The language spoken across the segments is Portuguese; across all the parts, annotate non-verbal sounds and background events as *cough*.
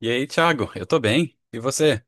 E aí, Thiago, eu tô bem. E você?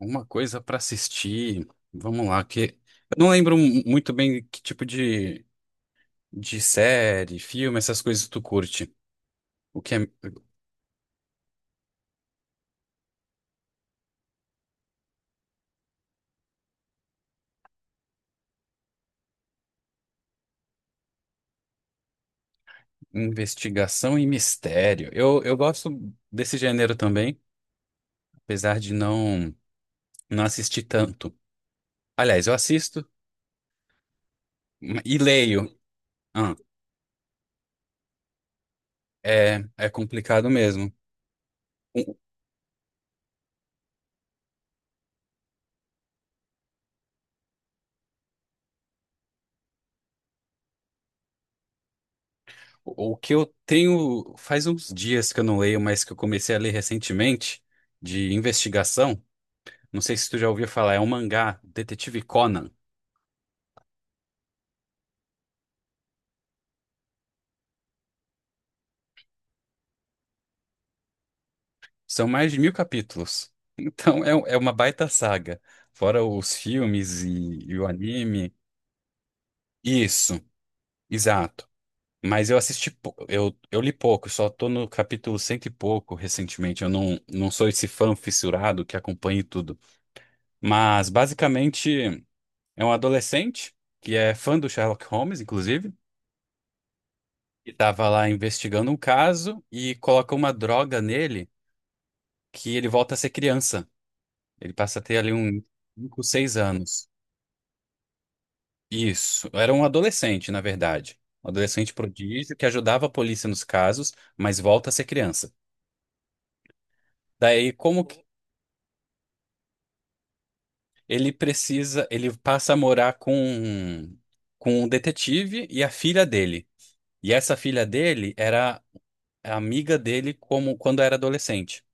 Alguma coisa pra assistir? Vamos lá, que eu não lembro muito bem que tipo de série, filme, essas coisas tu curte. O que é investigação e mistério. Eu gosto desse gênero também, apesar de não assistir tanto. Aliás, eu assisto e leio. Ah, é. É complicado mesmo. Um, O que eu tenho faz uns dias que eu não leio, mas que eu comecei a ler recentemente, de investigação. Não sei se tu já ouviu falar, é um mangá, Detetive Conan. São mais de 1000 capítulos. *laughs* Então é uma baita saga. Fora os filmes e o anime. Isso, exato. Mas eu assisti, eu li pouco, só tô no capítulo 100 e pouco recentemente. Eu não sou esse fã fissurado que acompanha tudo. Mas basicamente. É um adolescente que é fã do Sherlock Holmes, inclusive, e estava lá investigando um caso e coloca uma droga nele que ele volta a ser criança. Ele passa a ter ali uns 5, 6 anos. Isso. Era um adolescente, na verdade. Um adolescente prodígio que ajudava a polícia nos casos, mas volta a ser criança. Daí, como que ele precisa, ele passa a morar com um detetive e a filha dele. E essa filha dele era amiga dele como quando era adolescente.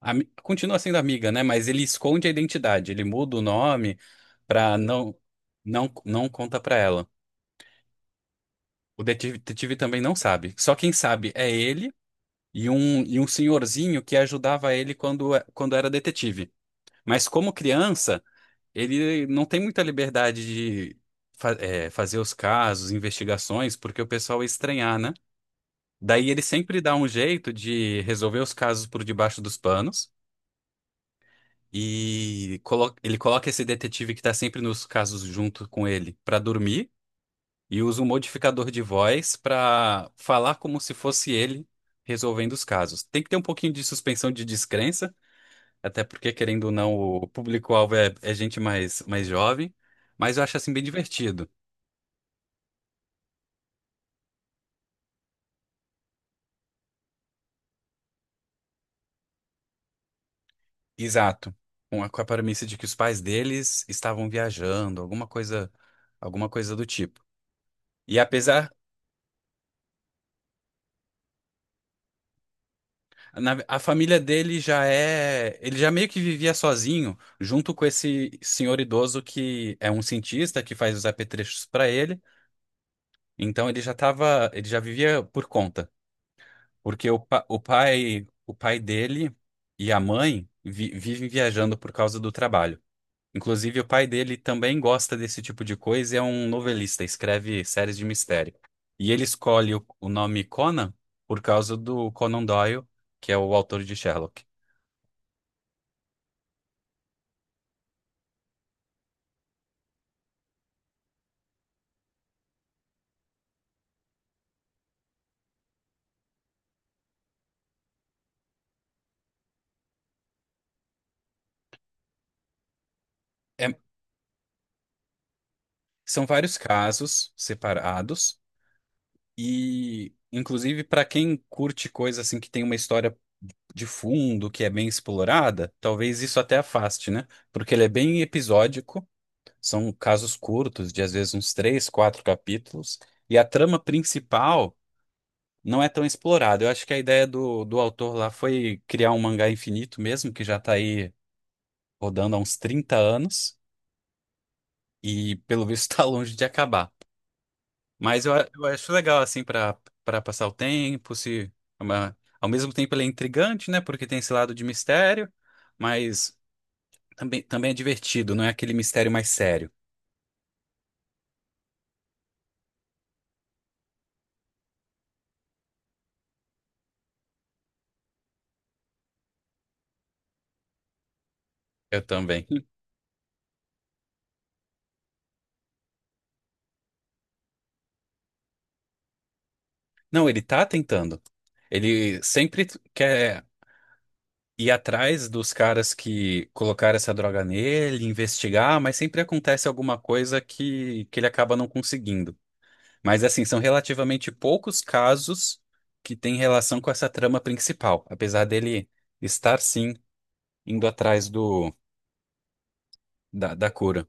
Continua sendo amiga, né? Mas ele esconde a identidade, ele muda o nome pra não conta pra ela. O detetive também não sabe. Só quem sabe é ele e um senhorzinho que ajudava ele quando era detetive. Mas como criança, ele não tem muita liberdade de fazer os casos, investigações, porque o pessoal ia estranhar, né? Daí ele sempre dá um jeito de resolver os casos por debaixo dos panos. Ele coloca esse detetive que tá sempre nos casos junto com ele pra dormir e usa um modificador de voz pra falar como se fosse ele resolvendo os casos. Tem que ter um pouquinho de suspensão de descrença, até porque, querendo ou não, o público-alvo é gente mais jovem, mas eu acho assim bem divertido. Exato. Com a premissa de que os pais deles estavam viajando, alguma coisa do tipo. E apesar a família dele já é. Ele já meio que vivia sozinho, junto com esse senhor idoso que é um cientista que faz os apetrechos para ele. Então ele já tava. Ele já vivia por conta. Porque o pai dele e a mãe vivem viajando por causa do trabalho. Inclusive, o pai dele também gosta desse tipo de coisa e é um novelista, escreve séries de mistério. E ele escolhe o nome Conan por causa do Conan Doyle, que é o autor de Sherlock. É. São vários casos separados e, inclusive, para quem curte coisa assim que tem uma história de fundo, que é bem explorada, talvez isso até afaste, né? Porque ele é bem episódico, são casos curtos, de às vezes uns três, quatro capítulos, e a trama principal não é tão explorada. Eu acho que a ideia do autor lá foi criar um mangá infinito mesmo, que já está aí rodando há uns 30 anos, e pelo visto *laughs* está longe de acabar. Mas eu acho legal, assim, para passar o tempo, se é uma- ao mesmo tempo ele é intrigante, né? Porque tem esse lado de mistério, mas também é divertido, não é aquele mistério mais sério. Eu também. *laughs* Não, ele tá tentando. Ele sempre quer ir atrás dos caras que colocaram essa droga nele, investigar, mas sempre acontece alguma coisa que ele acaba não conseguindo. Mas assim, são relativamente poucos casos que têm relação com essa trama principal, apesar dele estar sim indo atrás da cura.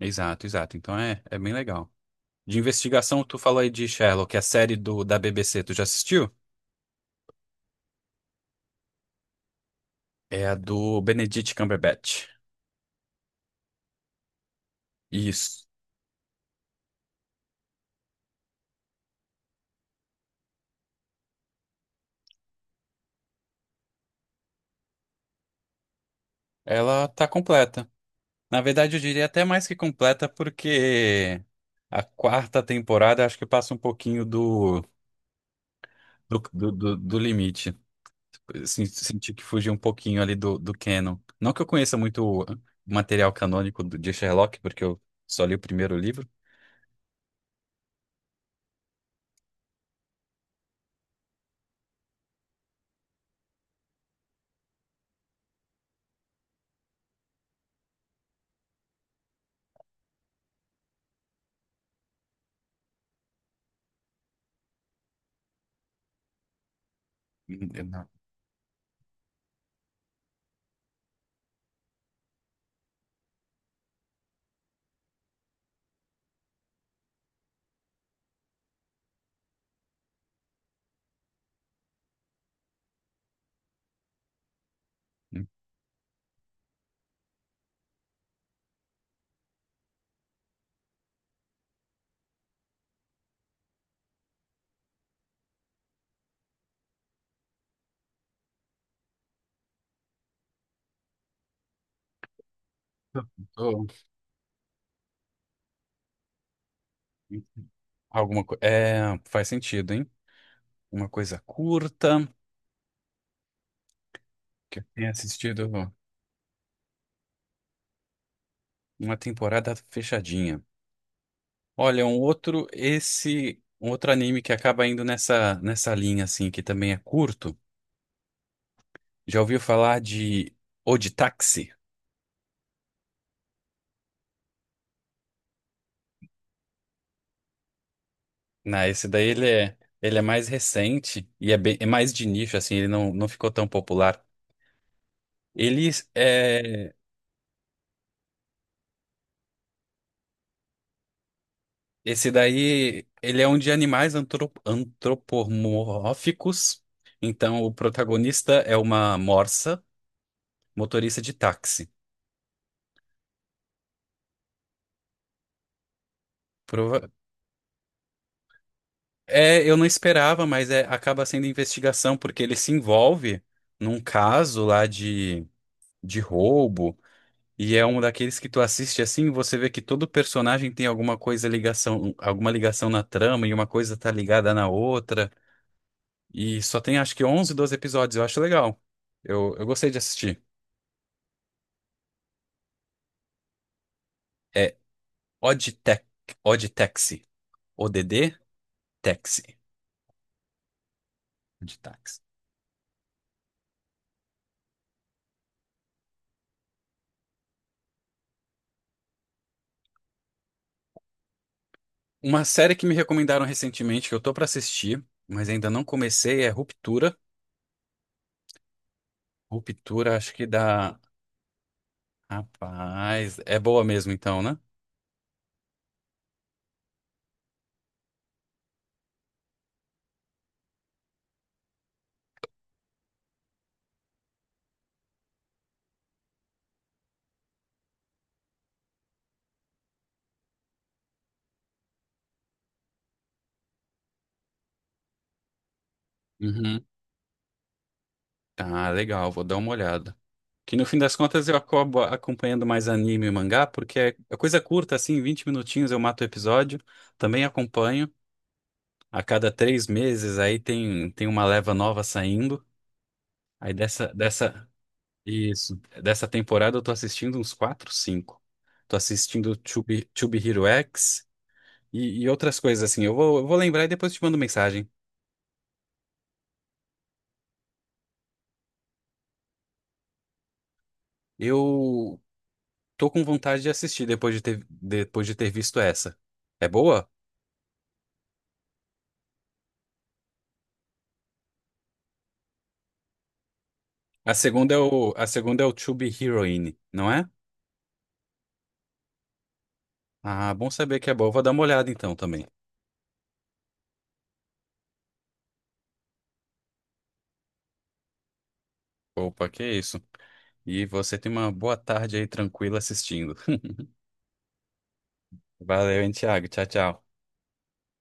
Exato, exato. Então é bem legal. De investigação, tu falou aí de Sherlock, a série do da BBC, tu já assistiu? É a do Benedict Cumberbatch. Isso. Ela tá completa. Na verdade, eu diria até mais que completa, porque a quarta temporada acho que passa um pouquinho do limite. Senti que fugiu um pouquinho ali do canon. Não que eu conheça muito material canônico de Sherlock, porque eu só li o primeiro livro. Eu não. Hum. Tô- Alguma coisa. É, faz sentido, hein? Uma coisa curta, que eu tenha assistido uma temporada fechadinha. Olha, um outro, esse, um outro anime que acaba indo nessa linha, assim, que também é curto. Já ouviu falar de Oditaxi? Não, esse daí ele é mais recente e é, bem, é mais de nicho, assim, ele não ficou tão popular. Ele é, esse daí, ele é um de animais antropomórficos. Então, o protagonista é uma morsa, motorista de táxi. Prova- eu não esperava, mas acaba sendo investigação, porque ele se envolve num caso lá de roubo. E é um daqueles que tu assiste assim, você vê que todo personagem tem alguma ligação na trama e uma coisa tá ligada na outra. E só tem acho que 11 12 episódios, eu acho legal. Eu gostei de assistir. É Oddtech, Oddtaxi, Odd Taxi, Oddtaxi. Uma série que me recomendaram recentemente que eu tô pra assistir, mas ainda não comecei é Ruptura. Ruptura acho que dá, rapaz, é boa mesmo então, né? Uhum. Tá, legal, vou dar uma olhada. Que no fim das contas eu acabo acompanhando mais anime e mangá, porque é coisa curta, assim, 20 minutinhos eu mato o episódio. Também acompanho. A cada 3 meses aí tem uma leva nova saindo. Aí isso, dessa temporada eu tô assistindo uns 4 cinco. Tô assistindo Tube, Tube Hero X e outras coisas assim. Eu vou lembrar e depois te mando mensagem. Eu tô com vontade de assistir depois de ter visto essa. É boa? A segunda é o To Be Heroine, não é? Ah, bom saber que é boa. Vou dar uma olhada então também. Opa, que isso. E você tem uma boa tarde aí tranquila assistindo. *laughs* Valeu, hein, Thiago. Tchau, tchau.